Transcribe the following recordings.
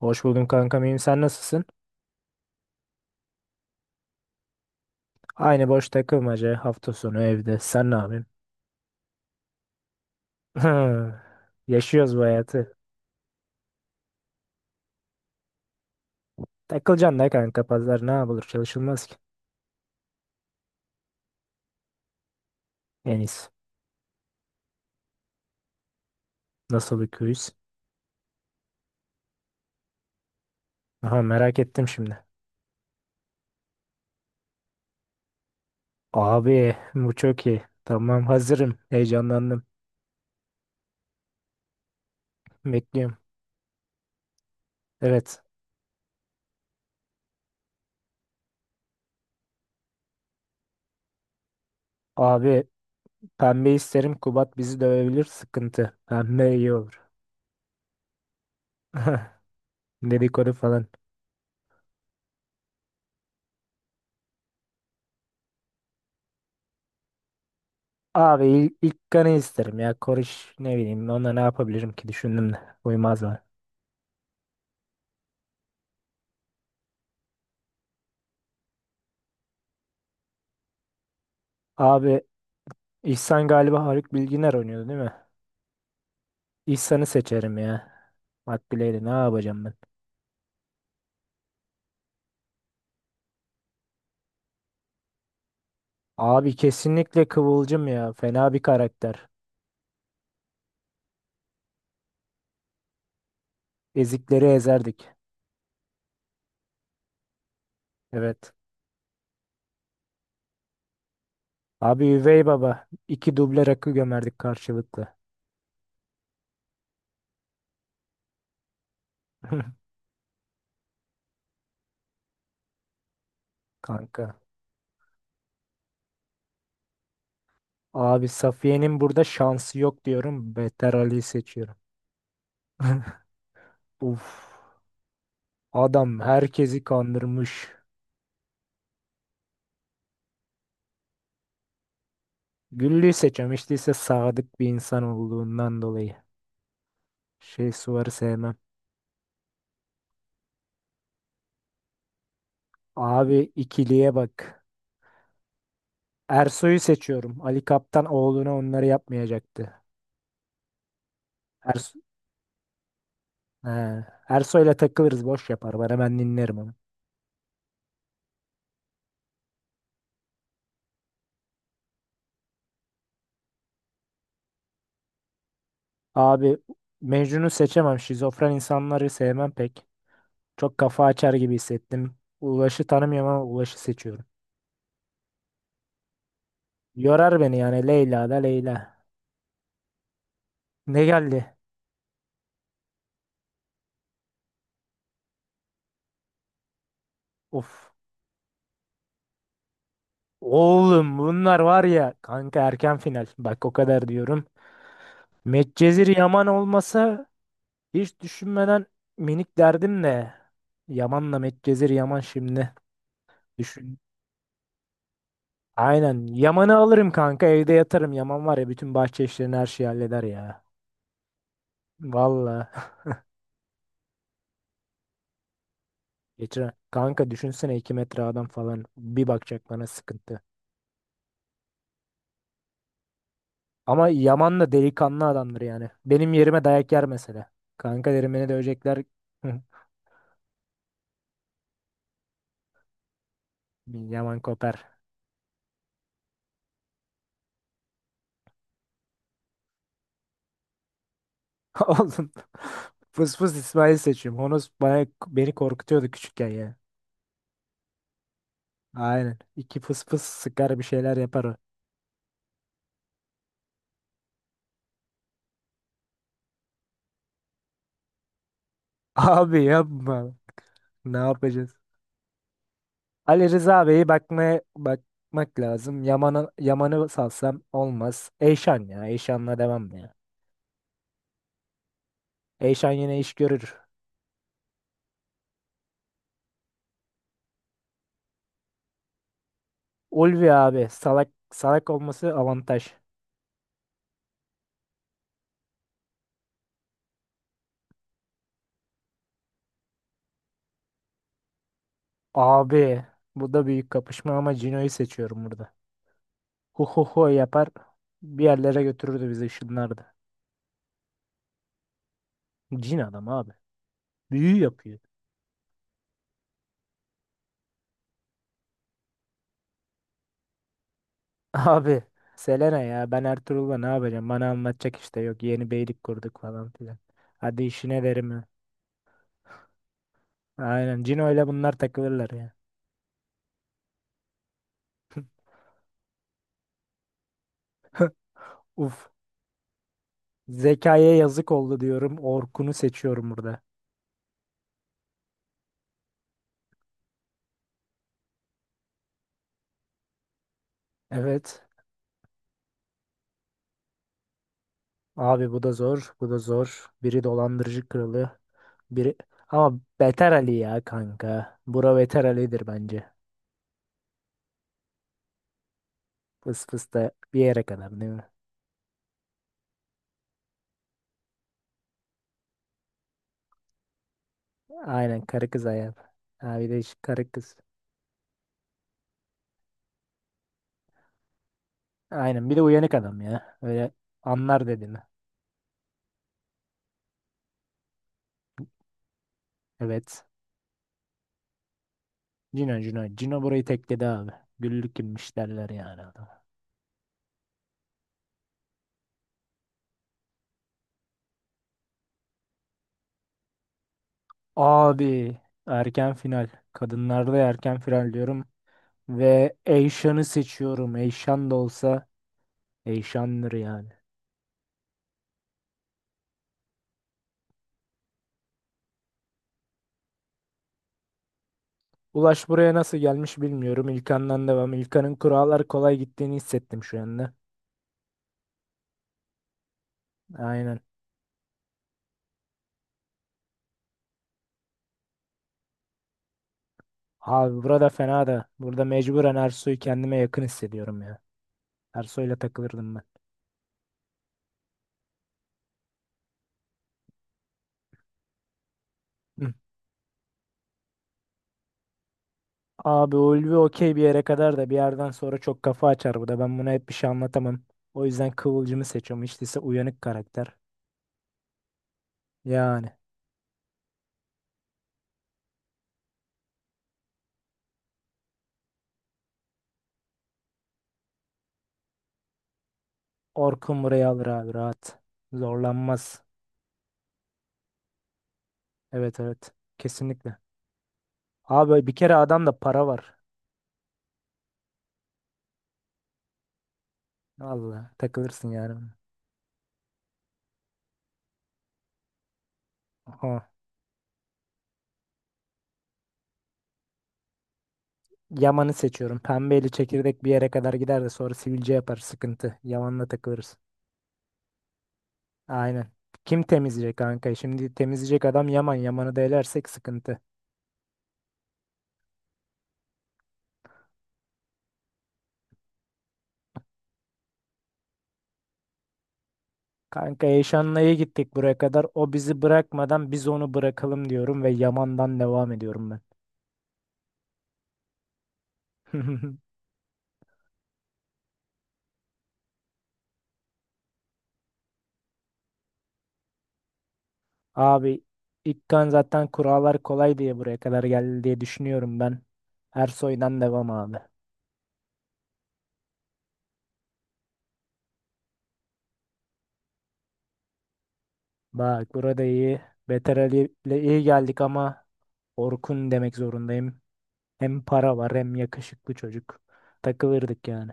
Hoş buldum kankam, iyiyim, sen nasılsın? Aynı boş takılmaca, hafta sonu evde, sen ne yapıyorsun? Yaşıyoruz bu hayatı. Takılacaksın da kanka, pazar ne yapılır, çalışılmaz ki. En iyisi. Nasıl bir quiz? Aha, merak ettim şimdi. Abi bu çok iyi. Tamam, hazırım. Heyecanlandım. Bekliyorum. Evet. Abi pembe isterim, Kubat bizi dövebilir, sıkıntı. Pembe iyi olur. Dedikodu falan. Abi ilk kanı isterim ya. Koriş, ne bileyim onunla ne yapabilirim ki, düşündüm de. Uymazlar. Abi İhsan galiba Haluk Bilginer oynuyordu, değil mi? İhsan'ı seçerim ya. Makbule'yle ne yapacağım ben? Abi kesinlikle Kıvılcım ya. Fena bir karakter. Ezikleri ezerdik. Evet. Abi Üvey Baba. İki duble rakı gömerdik karşılıklı. Kanka. Abi Safiye'nin burada şansı yok diyorum. Beter Ali'yi seçiyorum. Uf. Adam herkesi kandırmış. Güllü'yü seçemiştiyse sadık bir insan olduğundan dolayı. Şey Suvar'ı sevmem. Abi ikiliye bak. Ersoy'u seçiyorum. Ali Kaptan oğluna onları yapmayacaktı. Erso He. Ersoy'la takılırız, boş yapar. Ben dinlerim onu. Abi Mecnun'u seçemem. Şizofren insanları sevmem pek. Çok kafa açar gibi hissettim. Ulaş'ı tanımıyorum ama Ulaş'ı seçiyorum. Yorar beni yani, Leyla da Leyla. Ne geldi? Of. Oğlum bunlar var ya kanka, erken final. Bak, o kadar diyorum. Medcezir Yaman olmasa hiç düşünmeden minik derdim de. Yaman'la Medcezir Yaman şimdi düşün. Aynen. Yaman'ı alırım kanka, evde yatarım. Yaman var ya, bütün bahçe işlerini, her şeyi halleder ya. Valla. Geçer kanka, düşünsene, 2 metre adam falan, bir bakacak bana, sıkıntı. Ama Yaman da delikanlı adamdır yani. Benim yerime dayak yer mesela. Kanka derim, beni dövecekler. Yaman Koper. Oğlum fıs fıs İsmail seçiyorum. Honos beni korkutuyordu küçükken ya. Aynen. İki fıs fıs sıkar, bir şeyler yapar o. Abi yapma. Ne yapacağız? Ali Rıza Bey'i bakmaya, bakmak lazım. Yaman'ı salsam olmaz. Eyşan ya. Eyşan'la devam ya. Eyşan yine iş görür. Ulvi abi, salak salak olması avantaj. Abi bu da büyük kapışma ama Cino'yu seçiyorum burada. Hu hu hu yapar. Bir yerlere götürürdü bizi, ışınlardı. Cin adam abi. Büyü yapıyor. Abi Selena ya, ben Ertuğrul'la ne yapacağım? Bana anlatacak işte, yok yeni beylik kurduk falan filan. Hadi işine derim ya. Aynen, Cino'yla bunlar takılırlar ya. Uf, zekaya yazık oldu diyorum. Orkun'u seçiyorum burada. Evet, abi bu da zor, bu da zor. Biri dolandırıcı kralı, biri ama Beter Ali ya kanka. Bura Beter Ali'dir bence. Fıs fıs da bir yere kadar, değil mi? Aynen, karı kız hayatı. Abi de iş karı kız. Aynen, bir de uyanık adam ya. Öyle anlar dediğini. Evet. Cino, Cino. Cino burayı tekledi abi. Güllük kimmiş derler yani adam. Abi erken final. Kadınlarda erken final diyorum. Ve Eyşan'ı seçiyorum. Eyşan da olsa Eyşan'dır yani. Ulaş buraya nasıl gelmiş bilmiyorum. İlkan'dan devam. İlkan'ın kurallar kolay gittiğini hissettim şu anda. Aynen. Abi burada fena da. Burada mecburen Ersoy'u kendime yakın hissediyorum ya. Ersoy'la takılırdım ben. Abi Ulvi okey bir yere kadar da bir yerden sonra çok kafa açar bu da. Ben buna hep bir şey anlatamam. O yüzden Kıvılcım'ı seçiyorum. Hiç değilse uyanık karakter. Yani. Orkun burayı alır abi, rahat. Zorlanmaz. Evet, evet. Kesinlikle. Abi bir kere adamda para var. Vallahi takılırsın yani. Aha. Yaman'ı seçiyorum. Pembeli çekirdek bir yere kadar gider de sonra sivilce yapar, sıkıntı. Yaman'la takılırız. Aynen. Kim temizleyecek kanka? Şimdi temizleyecek adam Yaman. Yaman'ı da elersek sıkıntı. Kanka Eşanlı'ya gittik buraya kadar. O bizi bırakmadan biz onu bırakalım diyorum ve Yaman'dan devam ediyorum ben. Abi İlkan zaten kurallar kolay diye buraya kadar geldi diye düşünüyorum ben. Ersoy'dan devam abi. Bak burada iyi. Beter Ali ile iyi geldik ama Orkun demek zorundayım. Hem para var, hem yakışıklı çocuk. Takılırdık yani.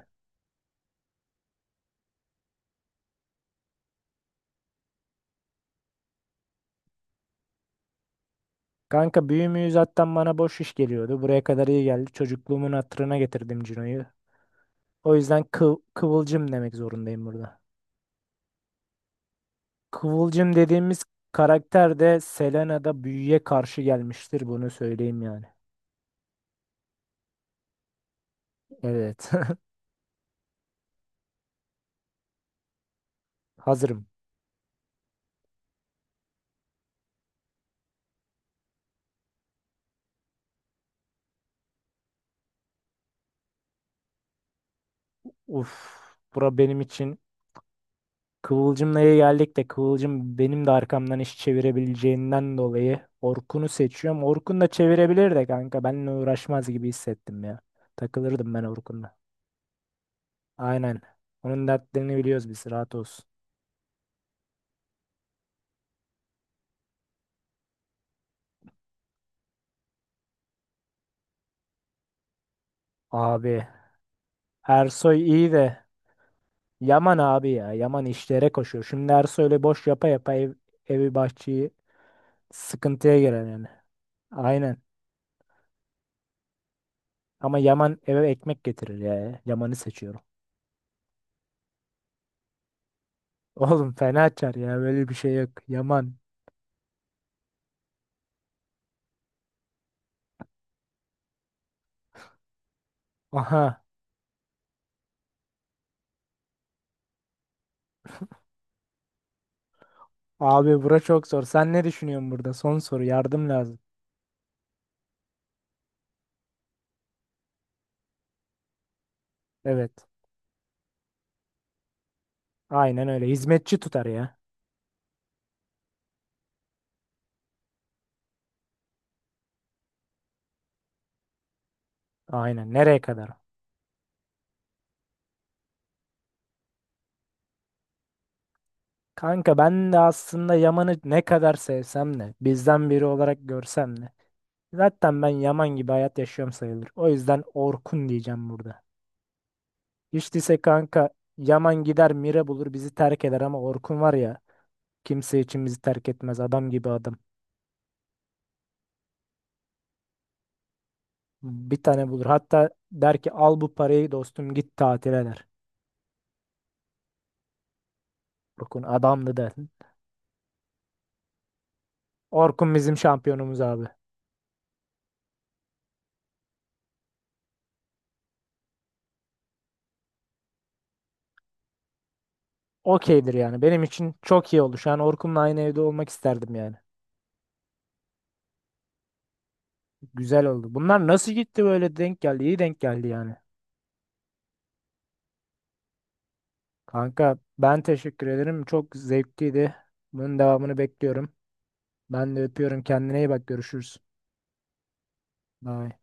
Kanka büyü müyü zaten bana boş iş geliyordu. Buraya kadar iyi geldi. Çocukluğumun hatırına getirdim Cino'yu. O yüzden kıvılcım demek zorundayım burada. Kıvılcım dediğimiz karakter de Selena'da büyüye karşı gelmiştir. Bunu söyleyeyim yani. Evet. Hazırım. Uf. Bura benim için, kıvılcım neye geldik de Kıvılcım benim de arkamdan iş çevirebileceğinden dolayı Orkun'u seçiyorum. Orkun da çevirebilir de kanka. Benimle uğraşmaz gibi hissettim ya. Takılırdım ben Orkun'la. Aynen. Onun dertlerini biliyoruz biz. Rahat olsun. Abi. Ersoy iyi de. Yaman abi ya. Yaman işlere koşuyor. Şimdi Ersoy öyle boş yapa yapa evi, bahçeyi, sıkıntıya girer yani. Aynen. Ama Yaman eve ekmek getirir ya. Yaman'ı seçiyorum. Oğlum fena açar ya. Böyle bir şey yok. Yaman. Aha. Abi bura çok zor. Sen ne düşünüyorsun burada? Son soru. Yardım lazım. Evet. Aynen öyle. Hizmetçi tutar ya. Aynen. Nereye kadar? Kanka ben de aslında Yaman'ı ne kadar sevsem de bizden biri olarak görsem de, zaten ben Yaman gibi hayat yaşıyorum sayılır. O yüzden Orkun diyeceğim burada. Hiç değilse kanka, Yaman gider Mire bulur bizi terk eder ama Orkun var ya, kimse için bizi terk etmez, adam gibi adam. Bir tane bulur. Hatta der ki, al bu parayı dostum, git tatile der. Orkun adamdı der. Orkun bizim şampiyonumuz abi. Okeydir yani. Benim için çok iyi oldu. Şu an Orkun'la aynı evde olmak isterdim yani. Güzel oldu. Bunlar nasıl gitti böyle, denk geldi? İyi denk geldi yani. Kanka ben teşekkür ederim. Çok zevkliydi. Bunun devamını bekliyorum. Ben de öpüyorum. Kendine iyi bak. Görüşürüz. Bye.